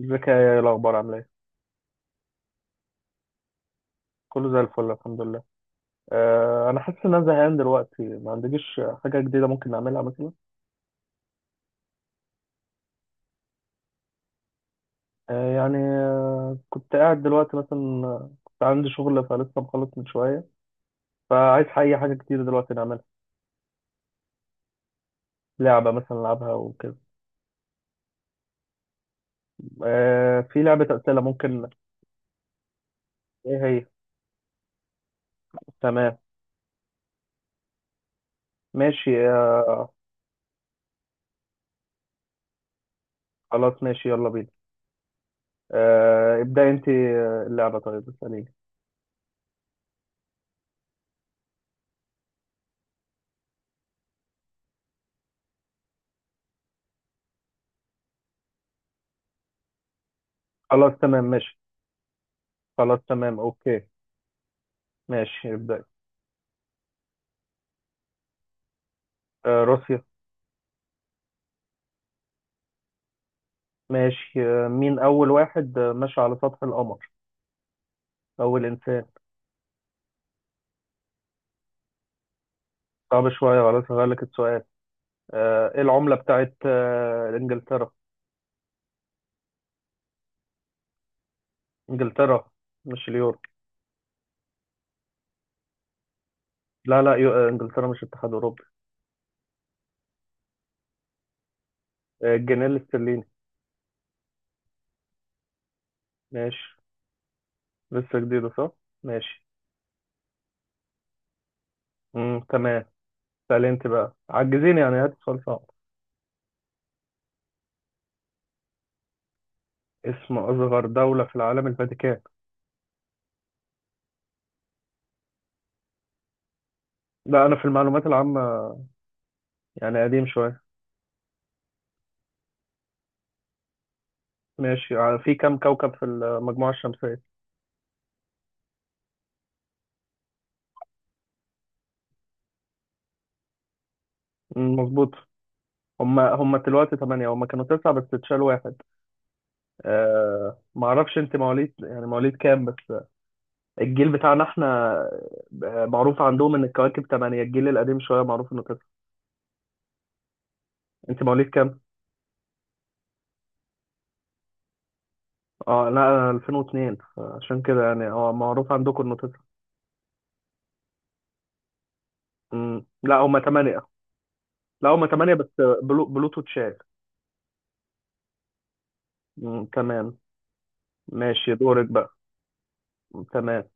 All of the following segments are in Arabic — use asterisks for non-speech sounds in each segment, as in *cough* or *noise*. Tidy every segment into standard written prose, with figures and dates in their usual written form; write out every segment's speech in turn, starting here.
ازيك يا الاخبار؟ عامله ايه؟ كله زي الفل، الحمد لله. انا حاسس ان انا زهقان دلوقتي، ما عندكيش حاجه جديده ممكن نعملها مثلا؟ أه يعني أه كنت قاعد دلوقتي مثلا. كنت عندي شغل فلسه مخلص من شويه، فعايز اي حاجه جديده دلوقتي نعملها، لعبه مثلا نلعبها وكده. في لعبه اسئله ممكن. ايه هي؟ تمام ماشي أه. خلاص ماشي يلا بينا. ابدأ انت. اللعبه طيب اساليني. خلاص تمام ماشي. خلاص تمام اوكي. ماشي ابدأ. روسيا. ماشي. مين أول واحد مشى على سطح القمر؟ أول إنسان. صعب شوية، خلاص هغير لك السؤال. إيه العملة بتاعت إنجلترا؟ إنجلترا مش اليورو. لا لا، إنجلترا مش اتحاد أوروبي. الجنيه الاسترليني. ماشي، لسه جديدة صح؟ ماشي. مم. تمام. سألي أنت بقى، عجزين يعني هات سؤال صعب. اسم أصغر دولة في العالم الفاتيكان. لا أنا في المعلومات العامة يعني قديم شوية. ماشي. في كم كوكب في المجموعة الشمسية؟ مم، مظبوط. هم دلوقتي ثمانية، هم كانوا تسعة بس اتشال واحد. آه ما اعرفش انت مواليد، يعني مواليد كام بس؟ الجيل بتاعنا احنا. معروف عندهم ان الكواكب ثمانية، الجيل القديم شوية معروف انه تسعة. انت مواليد كام؟ اه لا انا 2002، عشان كده يعني اه معروف عندكم انه تسعة. مم. لا هم ثمانية. لا هم ثمانية بس. بلوتو اتشال. مم، تمام. ماشي دورك بقى. تمام.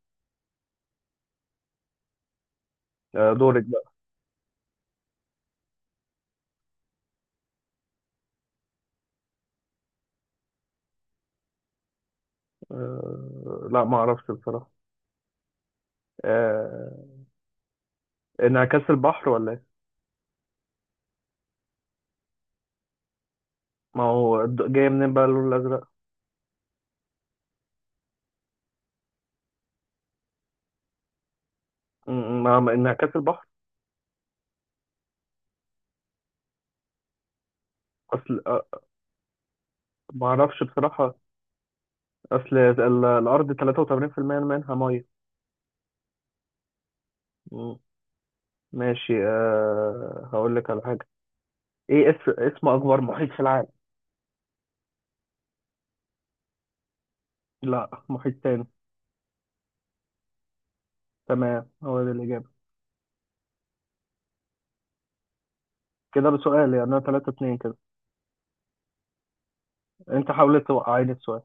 دورك بقى. لا ما اعرفش بصراحة. آه، انعكاس البحر ولا؟ ما هو جاي منين بقى اللون الازرق. انعكاس البحر. اصل أ- ما اعرفش بصراحه. اصل الارض 83% منها ميه. م- ماشي أه هقول لك على حاجه. ايه اسم اكبر محيط في العالم؟ لا محيط تاني. تمام هو ده الاجابه. كده بسؤال يعني، انا 3-2 كده. انت حاولت توقعيني السؤال.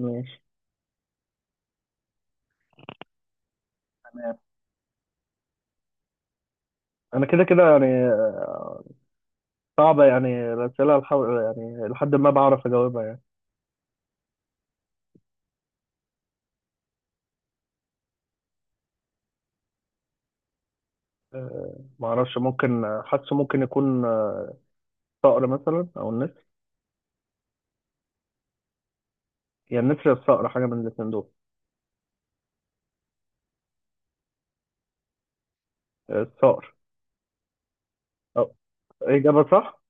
ماشي. تمام. انا كده كده يعني. صعبه يعني الاسئله الحو... يعني لحد ما بعرف اجاوبها يعني. ما اعرفش، ممكن حاسه، ممكن يكون الصقر مثلا او النسر. يا النسر يا الصقر، حاجه من الاثنين دول. الصقر. أو. اجابه صح.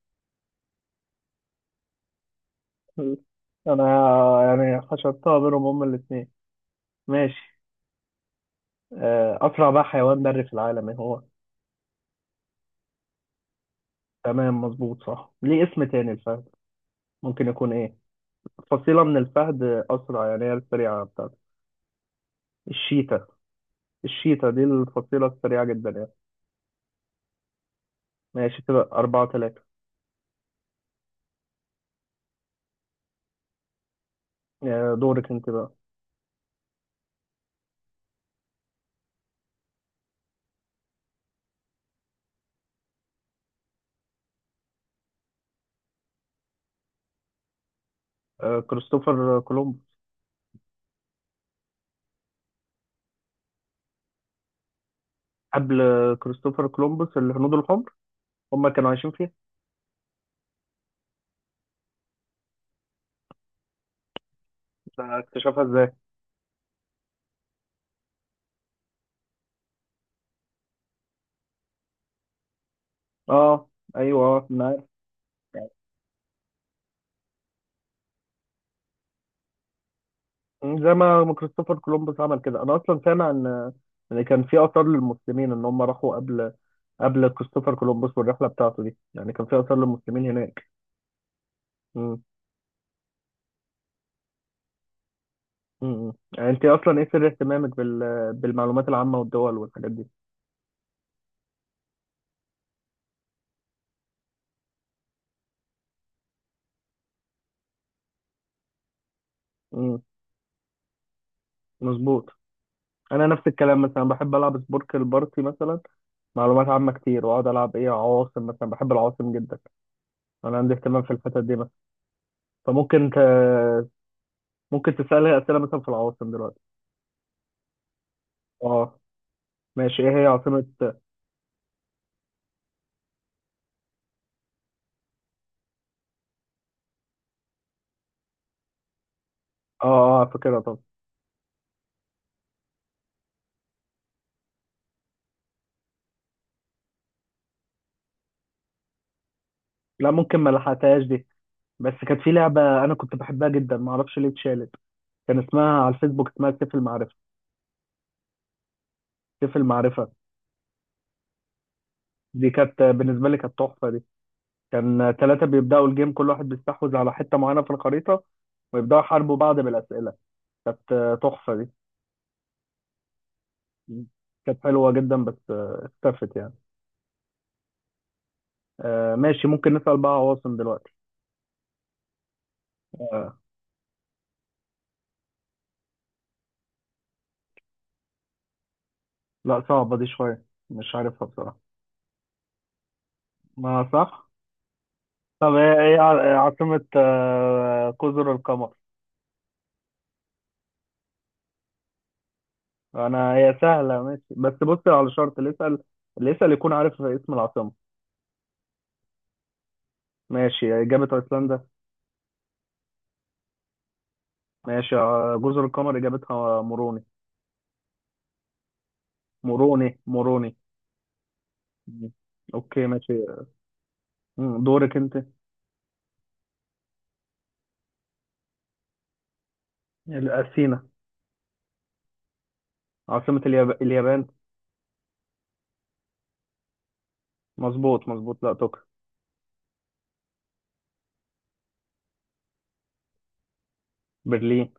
*laughs* انا يعني حشرتها بينهم هما الاثنين. ماشي. اسرع بقى حيوان بري في العالم ايه هو؟ تمام مظبوط صح. ليه اسم تاني الفهد؟ ممكن يكون ايه؟ فصيلة من الفهد، أسرع يعني هي السريعة بتاعته، الشيتا. الشيتا دي الفصيلة السريعة جدا يعني. ماشي كده 4-3. دورك أنت بقى. كريستوفر كولومبوس. قبل كريستوفر كولومبوس الهنود الحمر، هم كانوا عايشين فيها. اكتشفها ازاي؟ اه ايوه اه أنا عارف. يعني زي ما كريستوفر كولومبوس عمل كده. انا اصلا سامع ان كان في اثار للمسلمين، ان هم راحوا قبل كريستوفر كولومبوس والرحله بتاعته دي، يعني كان في اثار للمسلمين هناك. امم. يعني انت اصلا ايه سر اهتمامك بالمعلومات العامه والدول والحاجات دي؟ امم، مظبوط. انا نفس الكلام، مثلا بحب العب سبورك البارتي مثلا، معلومات عامة كتير، واقعد العب ايه، عواصم مثلا، بحب العواصم جدا. انا عندي اهتمام في الحتت دي مثلا. فممكن ت... ممكن تسألها أسئلة مثلا في العواصم دلوقتي. اه ماشي. ايه هي عاصمة اه. اه فاكرها طبعا. لا ممكن ما لحقتهاش دي. بس كانت في لعبة أنا كنت بحبها جدا، ما أعرفش ليه اتشالت. كان اسمها على الفيسبوك اسمها سيف المعرفة. سيف المعرفة دي كانت بالنسبة لي كانت تحفة دي. كان ثلاثة بيبدأوا الجيم، كل واحد بيستحوذ على حتة معينة في الخريطة، ويبدأوا يحاربوا بعض بالأسئلة. كانت تحفة دي. كانت حلوة جدا، بس اختفت يعني. ماشي، ممكن نسأل بقى عواصم دلوقتي. آه، لا صعبة دي شوية، مش عارفها بصراحة. ما صح. طب ايه عاصمة جزر القمر؟ انا هي سهلة ماشي، بس بص على شرط، اللي يسأل يكون عارف اسم العاصمة. ماشي، إجابة أيسلندا. ماشي، جزر القمر إجابتها موروني. موروني موروني. مم. أوكي ماشي. مم، دورك أنت. أثينا. عاصمة اليابان. مظبوط لا تقل. برلين.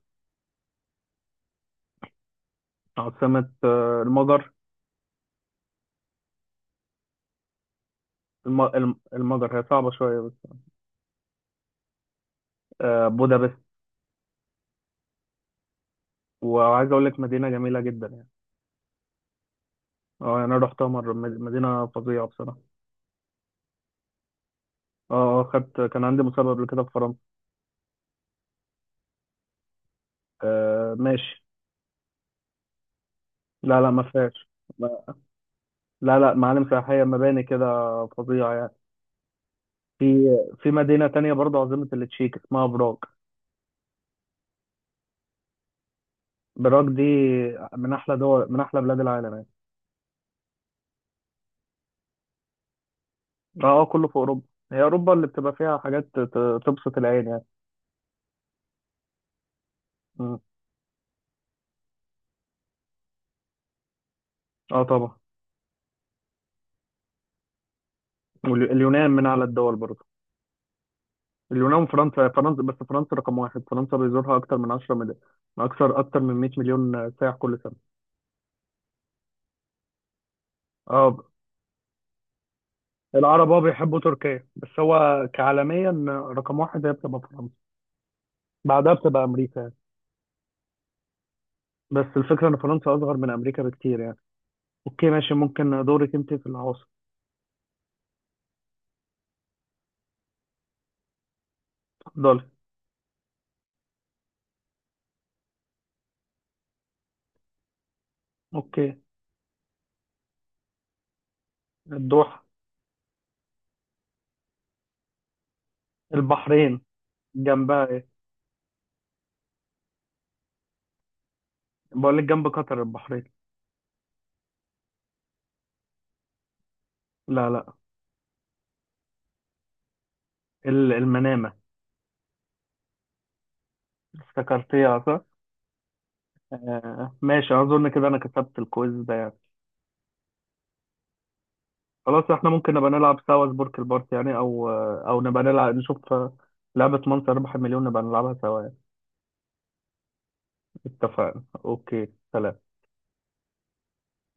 عاصمة المجر. المجر هي صعبة شوية بس. بودابست. وعايز أقول لك مدينة جميلة جدا. اه يعني انا رحتها مره، مدينه فظيعه بصراحه. اه اه خدت، كان عندي مسابقه قبل كده في فرنسا. آه ماشي. لا لا ما فيهاش. ما- لا لا معالم سياحيه، مباني كده، فظيعه يعني. في في مدينه تانية برضه، عاصمه التشيك اسمها براغ. براغ دي من احلى دول، من احلى بلاد العالم يعني. اه اه كله في اوروبا. هي اوروبا اللي بتبقى فيها حاجات تبسط العين يعني. مم. اه طبعا. واليونان من اعلى الدول برضه. اليونان وفرنسا، فرنسا بس، فرنسا رقم واحد، فرنسا بيزورها اكتر من 10 مليون، اكتر من 100 مليون سائح كل سنه. اه. العرب اه بيحبوا تركيا، بس هو كعالميا رقم واحد هي بتبقى فرنسا، بعدها بتبقى امريكا يعني. بس الفكره ان فرنسا اصغر من امريكا بكتير يعني. اوكي ماشي، ممكن دورك انت في العواصم. اتفضلي. اوكي. الدوحه. البحرين جنبها ايه؟ بقول لك جنب قطر البحرين. لا لا. المنامه. افتكرتيها صح. آه ماشي، اظن كده انا كسبت الكويز ده يعني. خلاص احنا ممكن نبقى نلعب سوا سبورك البارت يعني، او او نبقى نلعب نشوف لعبة من سيربح المليون نبقى نلعبها سوا يعني. اتفقنا اوكي، سلام.